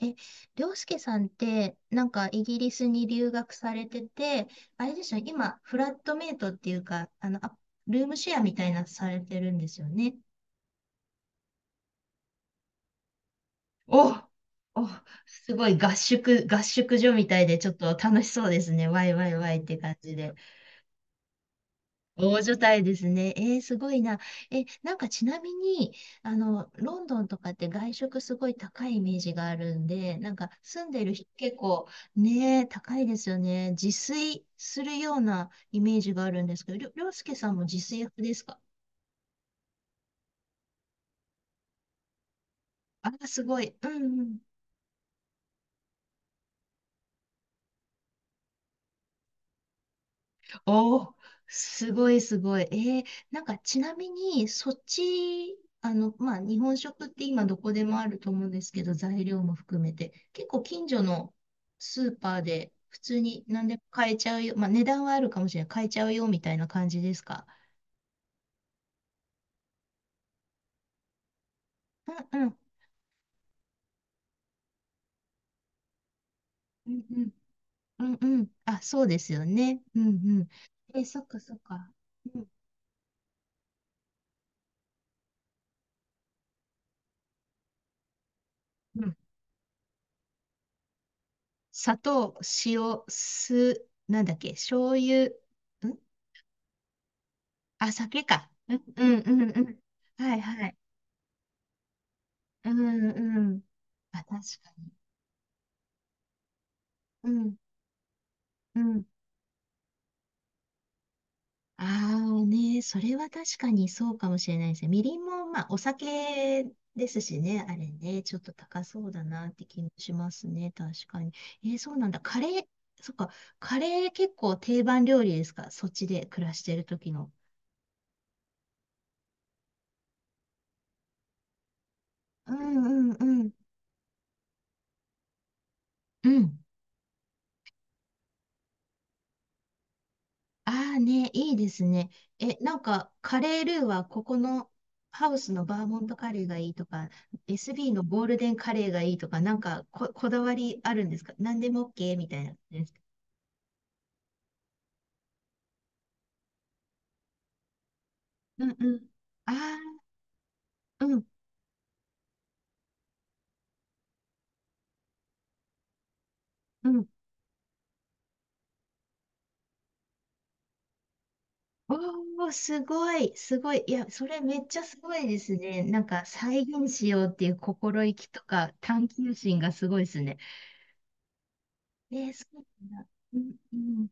え、涼介さんって、なんかイギリスに留学されてて、あれでしょ？今、フラットメイトっていうか、ルームシェアみたいなのされてるんですよね。お、お、すごい合宿所みたいで、ちょっと楽しそうですね。ワイワイワイって感じで。大所帯ですね。すごいな。え、なんかちなみに、ロンドンとかって外食すごい高いイメージがあるんで、なんか住んでる人結構ね、高いですよね。自炊するようなイメージがあるんですけど、りょうすけさんも自炊派ですかあ、すごい。うんうん。おー、すごいすごい。なんかちなみに、そっち、まあ、日本食って今どこでもあると思うんですけど、材料も含めて、結構近所のスーパーで普通に何でも買えちゃうよ。まあ、値段はあるかもしれない。買えちゃうよみたいな感じですか？うんうん。うんうん。うんうん。あ、そうですよね。うんうん。そっかそっか。うんうん。砂糖、塩、酢、なんだっけ、醤油、んあ、酒か。うんうんうんうん。はいはい。うんうん。あ、確かに。うんうん。ああね、それは確かにそうかもしれないですね。みりんも、まあ、お酒ですしね、あれね、ちょっと高そうだなって気もしますね、確かに。そうなんだ。カレー、そっか、カレー結構定番料理ですか？そっちで暮らしてる時の。うんうんうん。うん。ああね、いいですね。え、なんか、カレールーはここのハウスのバーモントカレーがいいとか、SB のゴールデンカレーがいいとか、なんかこだわりあるんですか？何でも OK みたいな感じですか？うんうん。ああ、うんうん。おー、すごい、すごい。いや、それめっちゃすごいですね。なんか、再現しようっていう心意気とか、探求心がすごいですね。そうなんだ。うんうん。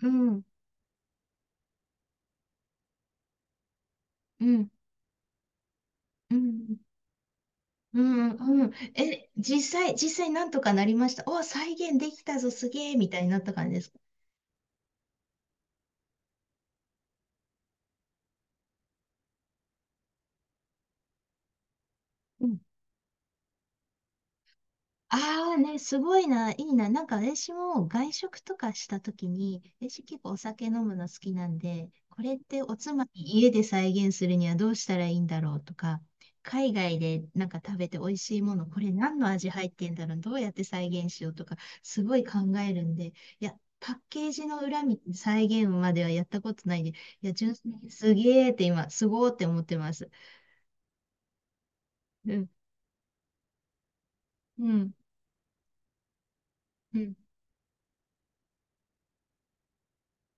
うんうん。うん。うんうん。え、実際なんとかなりました。お、再現できたぞ、すげえみたいになった感じですか？ああね、すごいな、いいな。なんか私も外食とかしたときに、私結構お酒飲むの好きなんで、これっておつまみ家で再現するにはどうしたらいいんだろうとか、海外でなんか食べて美味しいもの、これ何の味入ってんだろう、どうやって再現しようとか、すごい考えるんで、いや、パッケージの裏見て再現まではやったことないんで、いや、純粋にすげーって今、すごーって思ってます。うん、うん、うん、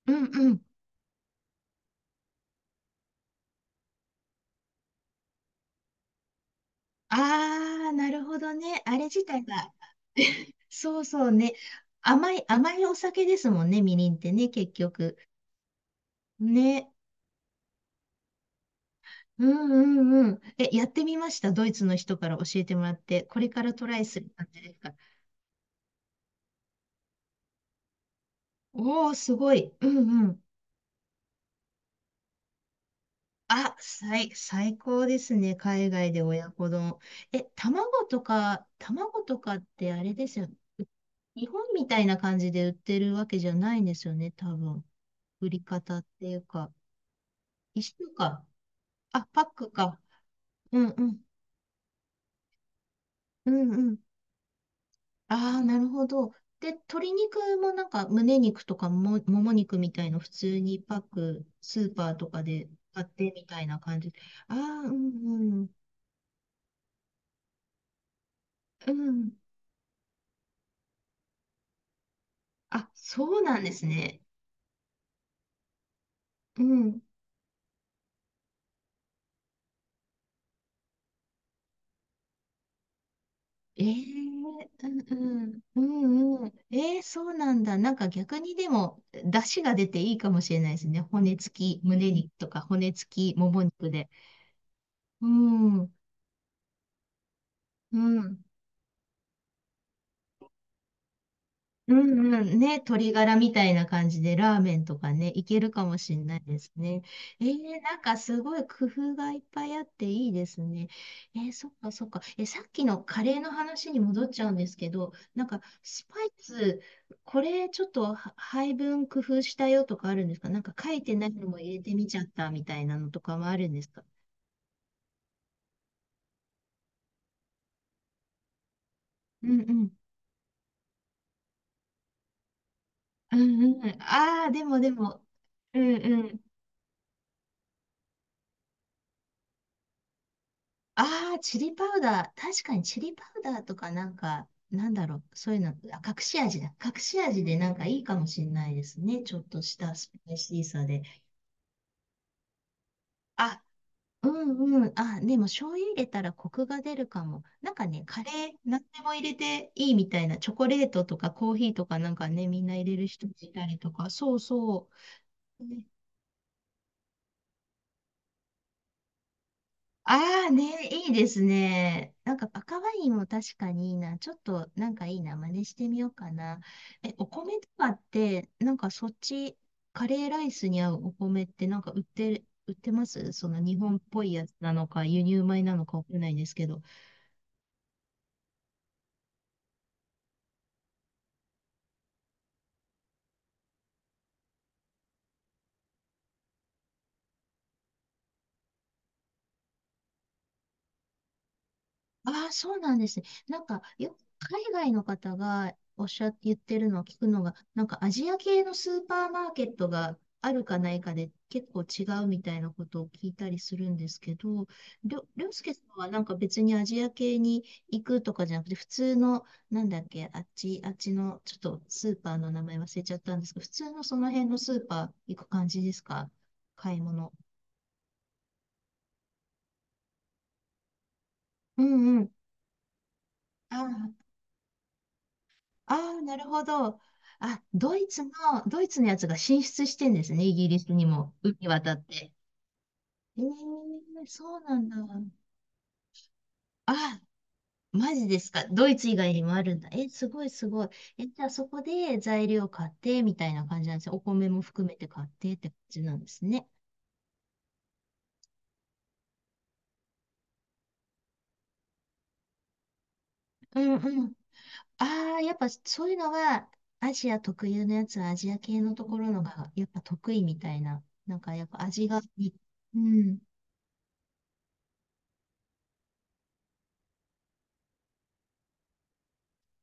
うん、うん。ああ、なるほどね。あれ自体が。そうそうね。甘い、甘いお酒ですもんね、みりんってね、結局。ね。うんうんうん。え、やってみました？ドイツの人から教えてもらって。これからトライする感じですか？おー、すごい。うんうん。あ、最高ですね。海外で親子丼。え、卵とかってあれですよね。日本みたいな感じで売ってるわけじゃないんですよね、多分。売り方っていうか。一週間。あ、パックか。うんうん。うんうん。ああ、なるほど。で、鶏肉もなんか胸肉とかも、もも肉みたいの普通にパック、スーパーとかで買ってみたいな感じ。ああ、うんうん。うん。あ、そうなんですね。うん。ええうんうん。うんうん。ええそうなんだ。なんか逆にでも、出汁が出ていいかもしれないですね。骨付き、胸肉とか骨付き、もも肉で。うん。うん。うんうん。ね、鶏ガラみたいな感じでラーメンとかね、いけるかもしれないですね。なんかすごい工夫がいっぱいあっていいですね。そっかそっか。えさっきのカレーの話に戻っちゃうんですけど、なんかスパイス、これちょっとは配分工夫したよとかあるんですか？なんか書いてないのも入れてみちゃったみたいなのとかもあるんですか？うんうん。うんうん。ああ、でもでも。うんうん。ああ、チリパウダー。確かにチリパウダーとかなんか、なんだろう。そういうの、あ、隠し味だ。隠し味でなんかいいかもしれないですね。ちょっとしたスパイシーさで。あ、うんうん。あ、でも醤油入れたらコクが出るかも。なんかね、カレー、何でも入れていいみたいな。チョコレートとかコーヒーとかなんかね、みんな入れる人いたりとか。そうそう。ああね、いいですね。なんか赤ワインも確かにいいな。ちょっとなんかいいな。真似してみようかな。え、お米とかって、なんかそっち、カレーライスに合うお米ってなんか売ってますその日本っぽいやつなのか、輸入米なのかわかんないんですけど。ああ、そうなんですね。なんか、よく海外の方がおっしゃって言ってるのを聞くのが、なんかアジア系のスーパーマーケットがあるかないかで結構違うみたいなことを聞いたりするんですけど、りょうすけさんはなんか別にアジア系に行くとかじゃなくて、普通の、なんだっけ、あっちの、ちょっとスーパーの名前忘れちゃったんですけど、普通のその辺のスーパー行く感じですか？買い物。うんうん。あああ、なるほど。あ、ドイツのやつが進出してんですね、イギリスにも、海渡って。ええそうなんだ。あ、マジですか？ドイツ以外にもあるんだ。え、すごいすごい。え、じゃあそこで材料買ってみたいな感じなんですね。お米も含めて買ってって感じなんですね。うんうん。ああ、やっぱそういうのは、アジア特有のやつはアジア系のところのが、やっぱ得意みたいな。なんかやっぱ味がいい。うん。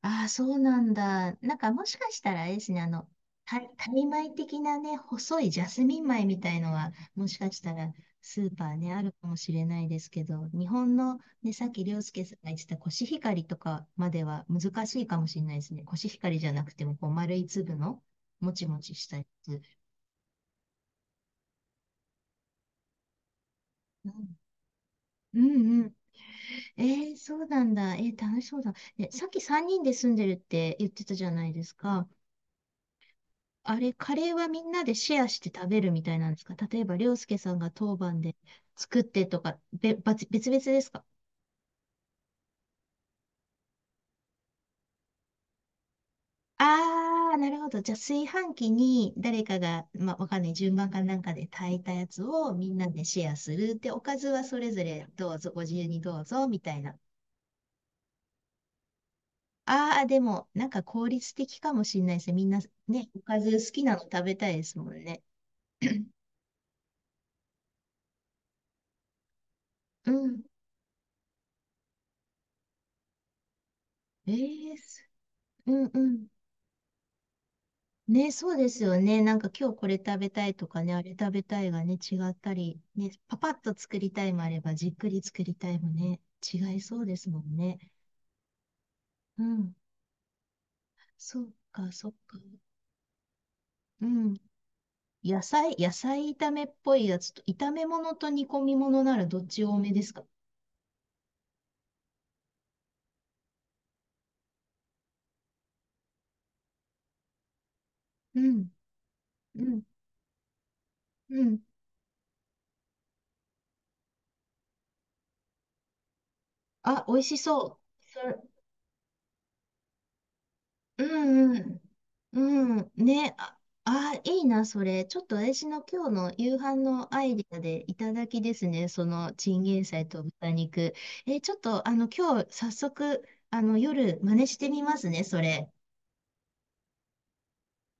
ああ、そうなんだ。なんかもしかしたらあれですね、タイ米的なね、細いジャスミン米みたいのは、もしかしたらスーパーね、あるかもしれないですけど、日本のね、さっき涼介さんが言ってたコシヒカリとかまでは難しいかもしれないですね。コシヒカリじゃなくても、こう、丸い粒の、もちもちしたやつ。うんうんうん。えそうなんだ。楽しそうだ。え、さっき3人で住んでるって言ってたじゃないですか。あれ、カレーはみんなでシェアして食べるみたいなんですか？例えば、りょうすけさんが当番で作ってとか、べ、ばつ別々ですか？ああー、なるほど。じゃあ、炊飯器に誰かが、まあ、わかんない、順番かなんかで炊いたやつをみんなでシェアする。で、おかずはそれぞれどうぞ、ご自由にどうぞ、みたいな。あー、でも、なんか効率的かもしれないですね。みんなね、おかず好きなの食べたいですもんね。うん。ええー、うんうん。ね、そうですよね。なんか今日これ食べたいとかね、あれ食べたいがね、違ったり、ね、パパッと作りたいもあれば、じっくり作りたいもね、違いそうですもんね。うん。そうか、そうか。うん。野菜炒めっぽいやつと、炒め物と煮込み物ならどっち多めですか？うん、うん、うん。あ、美味しそう。そうんうん。うん。ね。あ、あー、いいな、それ。ちょっと私の今日の夕飯のアイディアでいただきですね。そのチンゲン菜と豚肉。ちょっと、今日早速、夜真似してみますね、それ。